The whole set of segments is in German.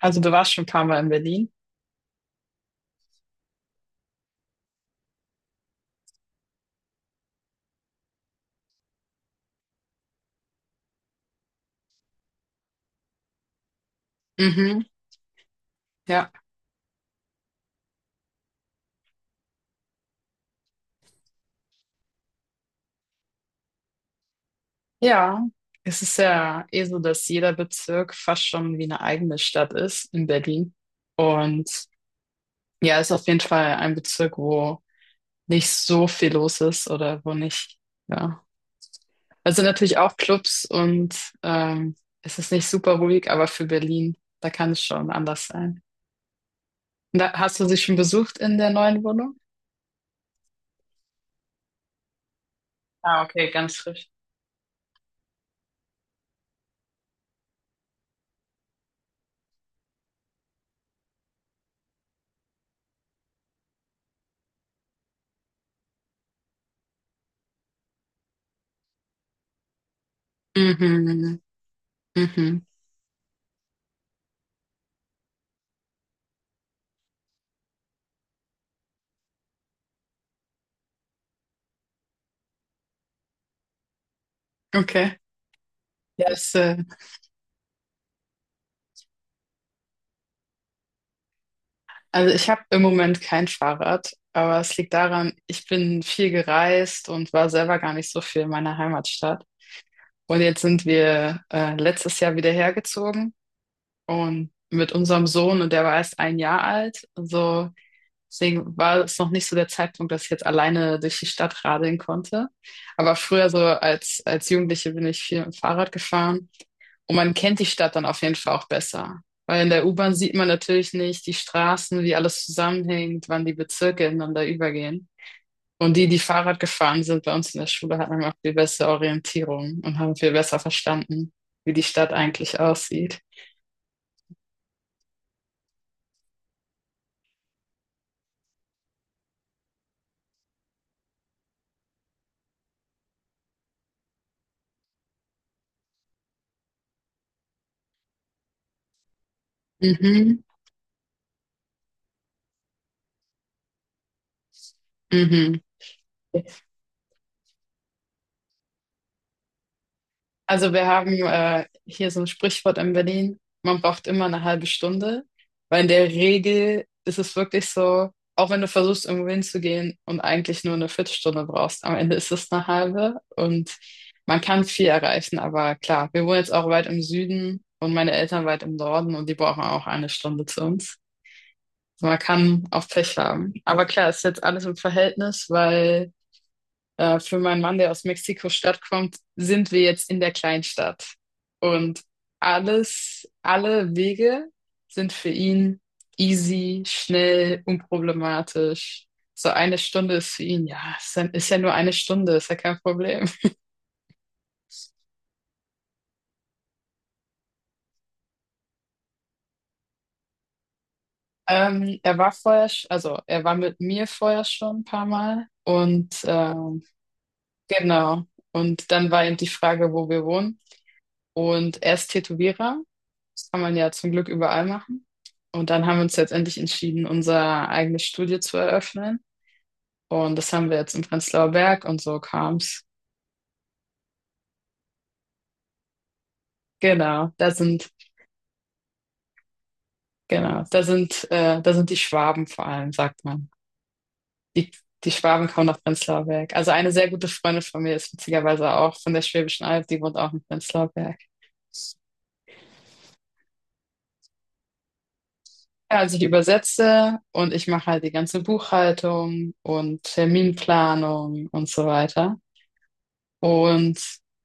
Also du warst schon ein paar Mal in Berlin. Mhm, ja. Ja, es ist ja eh so, dass jeder Bezirk fast schon wie eine eigene Stadt ist in Berlin. Und ja, ist auf jeden Fall ein Bezirk, wo nicht so viel los ist oder wo nicht, ja. Also natürlich auch Clubs und ähm, es ist nicht super ruhig, aber für Berlin, da kann es schon anders sein. Und da, hast du sie schon besucht in der neuen Wohnung? Ah, okay, ganz frisch. Mhm, mhm. Okay. Ja, es also ich habe im Moment kein Fahrrad, aber es liegt daran, ich bin viel gereist und war selber gar nicht so viel in meiner Heimatstadt. Und jetzt sind wir letztes Jahr wieder hergezogen und mit unserem Sohn und der war erst ein Jahr alt. Also deswegen war es noch nicht so der Zeitpunkt, dass ich jetzt alleine durch die Stadt radeln konnte. Aber früher so als Jugendliche bin ich viel mit dem Fahrrad gefahren. Und man kennt die Stadt dann auf jeden Fall auch besser. Weil in der U-Bahn sieht man natürlich nicht die Straßen, wie alles zusammenhängt, wann die Bezirke ineinander übergehen. Und die, die Fahrrad gefahren sind bei uns in der Schule, hatten auch viel bessere Orientierung und haben viel besser verstanden, wie die Stadt eigentlich aussieht. Mhm, mhm. Also wir haben hier so ein Sprichwort in Berlin, man braucht immer eine halbe Stunde, weil in der Regel ist es wirklich so, auch wenn du versuchst, irgendwo hinzugehen und eigentlich nur eine Viertelstunde brauchst, am Ende ist es eine halbe und man kann viel erreichen, aber klar, wir wohnen jetzt auch weit im Süden und meine Eltern weit im Norden und die brauchen auch eine Stunde zu uns. Also man kann auch Pech haben. Aber klar, ist jetzt alles im Verhältnis, weil für meinen Mann, der aus Mexiko-Stadt kommt, sind wir jetzt in der Kleinstadt. Und alles, alle Wege sind für ihn easy, schnell, unproblematisch. So eine Stunde ist für ihn, ja, ist ja, ist ja nur eine Stunde, ist ja kein Problem. Er war vorher, also er war mit mir vorher schon ein paar Mal und genau. Und dann war eben die Frage, wo wir wohnen. Und er ist Tätowierer. Das kann man ja zum Glück überall machen. Und dann haben wir uns letztendlich entschieden, unser eigenes Studio zu eröffnen. Und das haben wir jetzt im Prenzlauer Berg und so kam's. Genau, da sind, genau, da sind die Schwaben vor allem, sagt man. Die, die Schwaben kommen nach Prenzlauer Berg. Also eine sehr gute Freundin von mir ist witzigerweise auch von der Schwäbischen Alb, die wohnt auch in Prenzlauer Berg. Ja, also ich übersetze und ich mache halt die ganze Buchhaltung und Terminplanung und so weiter. Und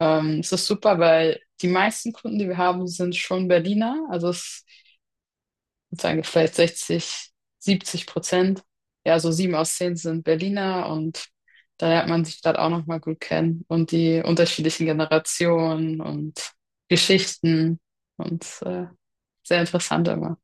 es ist super, weil die meisten Kunden, die wir haben, sind schon Berliner. Also es sozusagen vielleicht 60-70%. Ja, so 7 aus 10 sind Berliner und da lernt man die Stadt auch nochmal gut kennen und die unterschiedlichen Generationen und Geschichten und sehr interessant immer.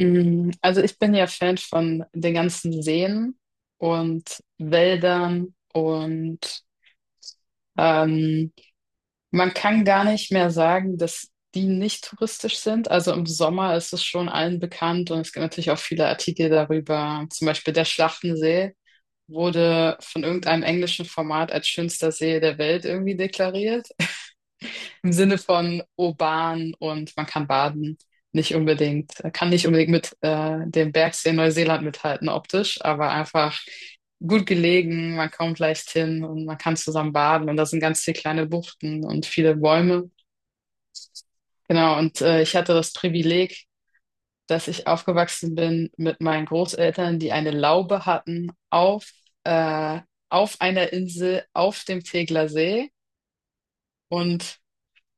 Mm, also ich bin ja Fan von den ganzen Seen und Wäldern und ähm, man kann gar nicht mehr sagen, dass die nicht touristisch sind. Also im Sommer ist es schon allen bekannt und es gibt natürlich auch viele Artikel darüber. Zum Beispiel der Schlachtensee wurde von irgendeinem englischen Format als schönster See der Welt irgendwie deklariert. Im Sinne von urban und man kann baden. Nicht unbedingt, kann nicht unbedingt mit dem Bergsee in Neuseeland mithalten optisch, aber einfach gut gelegen, man kommt leicht hin und man kann zusammen baden und da sind ganz viele kleine Buchten und viele Bäume. Genau, und ich hatte das Privileg, dass ich aufgewachsen bin mit meinen Großeltern, die eine Laube hatten äh, auf einer Insel auf dem Tegeler See. Und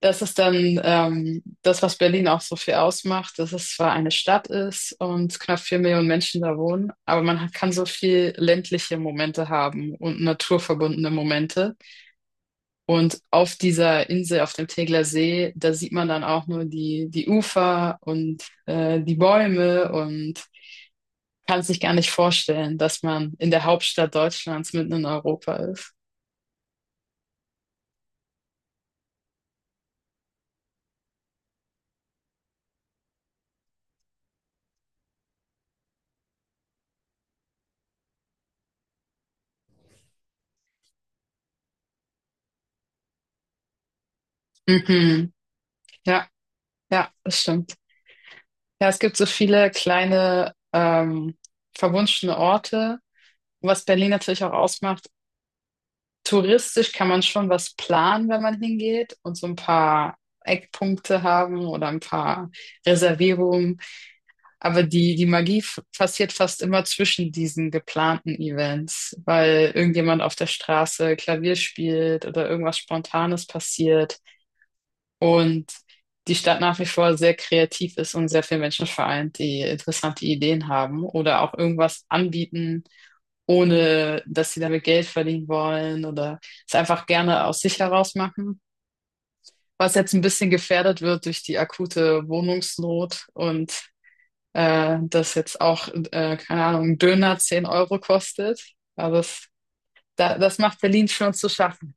das ist dann das, was Berlin auch so viel ausmacht, dass es zwar eine Stadt ist und knapp 4 Millionen Menschen da wohnen, aber man kann so viel ländliche Momente haben und naturverbundene Momente. Und auf dieser Insel, auf dem Tegeler See, da sieht man dann auch nur die, die Ufer und die Bäume und kann sich gar nicht vorstellen, dass man in der Hauptstadt Deutschlands mitten in Europa ist. Mhm. Ja, ja, das stimmt. Ja, es gibt so viele kleine verwunschene Orte, was Berlin natürlich auch ausmacht. Touristisch kann man schon was planen, wenn man hingeht und so ein paar Eckpunkte haben oder ein paar Reservierungen. Aber die, die passiert fast immer zwischen diesen geplanten Events, weil irgendjemand auf der Straße Klavier spielt oder irgendwas Spontanes passiert und die Stadt nach wie vor sehr kreativ ist und sehr viele Menschen vereint, die interessante Ideen haben oder auch irgendwas anbieten, ohne dass sie damit Geld verdienen wollen oder es einfach gerne aus sich heraus machen. Was jetzt ein bisschen gefährdet wird durch die akute Wohnungsnot und dass jetzt auch, keine Ahnung, ein Döner 10 Euro kostet. Also das, da, das macht Berlin schon zu schaffen.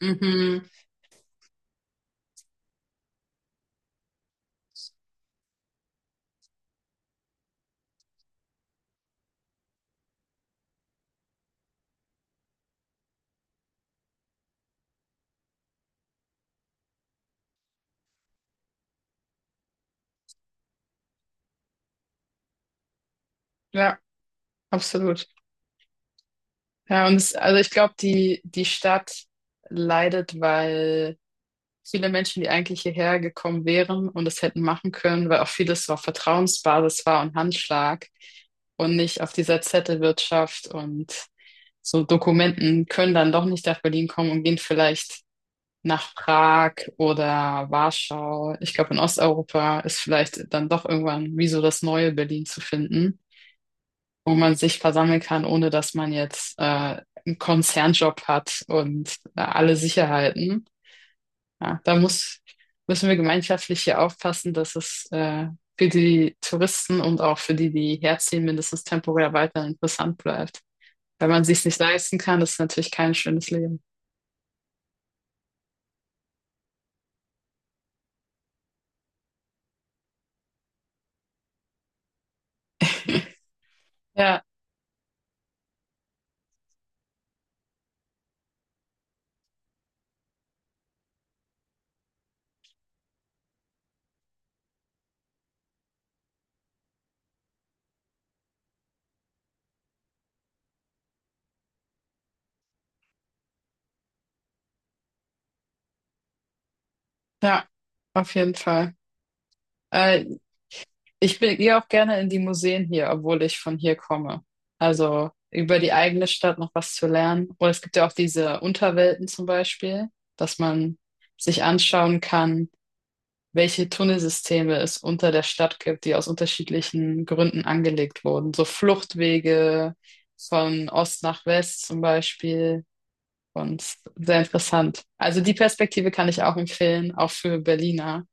Mhm. Ja, absolut. Ja, und es, also ich glaube, die, die Stadt leidet, weil viele Menschen, die eigentlich hierher gekommen wären und es hätten machen können, weil auch vieles so auf Vertrauensbasis war und Handschlag und nicht auf dieser Zettelwirtschaft und so Dokumenten können dann doch nicht nach Berlin kommen und gehen vielleicht nach Prag oder Warschau. Ich glaube, in Osteuropa ist vielleicht dann doch irgendwann wie so das neue Berlin zu finden, wo man sich versammeln kann, ohne dass man jetzt einen Konzernjob hat und alle Sicherheiten. Ja, müssen wir gemeinschaftlich hier aufpassen, dass es für die Touristen und auch für die, die herziehen, mindestens temporär weiter interessant bleibt. Wenn man sich's nicht leisten kann, ist natürlich kein schönes Leben. Ja, ja, auf jeden Fall. Äh, Ich gehe auch gerne in die Museen hier, obwohl ich von hier komme. Also über die eigene Stadt noch was zu lernen. Oder es gibt ja auch diese Unterwelten zum Beispiel, dass man sich anschauen kann, welche Tunnelsysteme es unter der Stadt gibt, die aus unterschiedlichen Gründen angelegt wurden. So Fluchtwege von Ost nach West zum Beispiel. Und sehr interessant. Also die Perspektive kann ich auch empfehlen, auch für Berliner,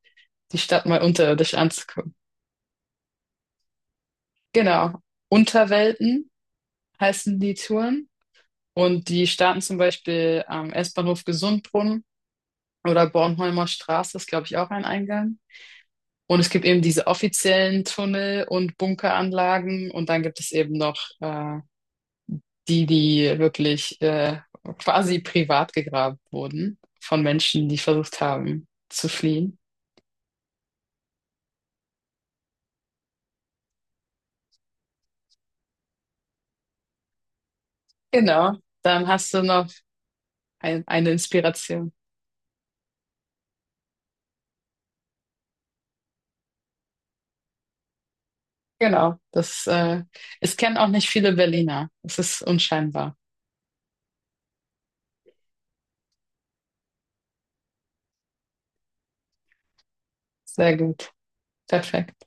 die Stadt mal unterirdisch anzugucken. Genau. Unterwelten heißen die Touren. Und die starten zum Beispiel am S-Bahnhof Gesundbrunnen oder Bornholmer Straße, ist glaube ich auch ein Eingang. Und es gibt eben diese offiziellen Tunnel und Bunkeranlagen und dann gibt es eben noch die, die wirklich quasi privat gegraben wurden von Menschen, die versucht haben zu fliehen. Genau, dann hast du noch eine Inspiration. Genau, das es kennen auch nicht viele Berliner. Es ist unscheinbar. Sehr gut, perfekt.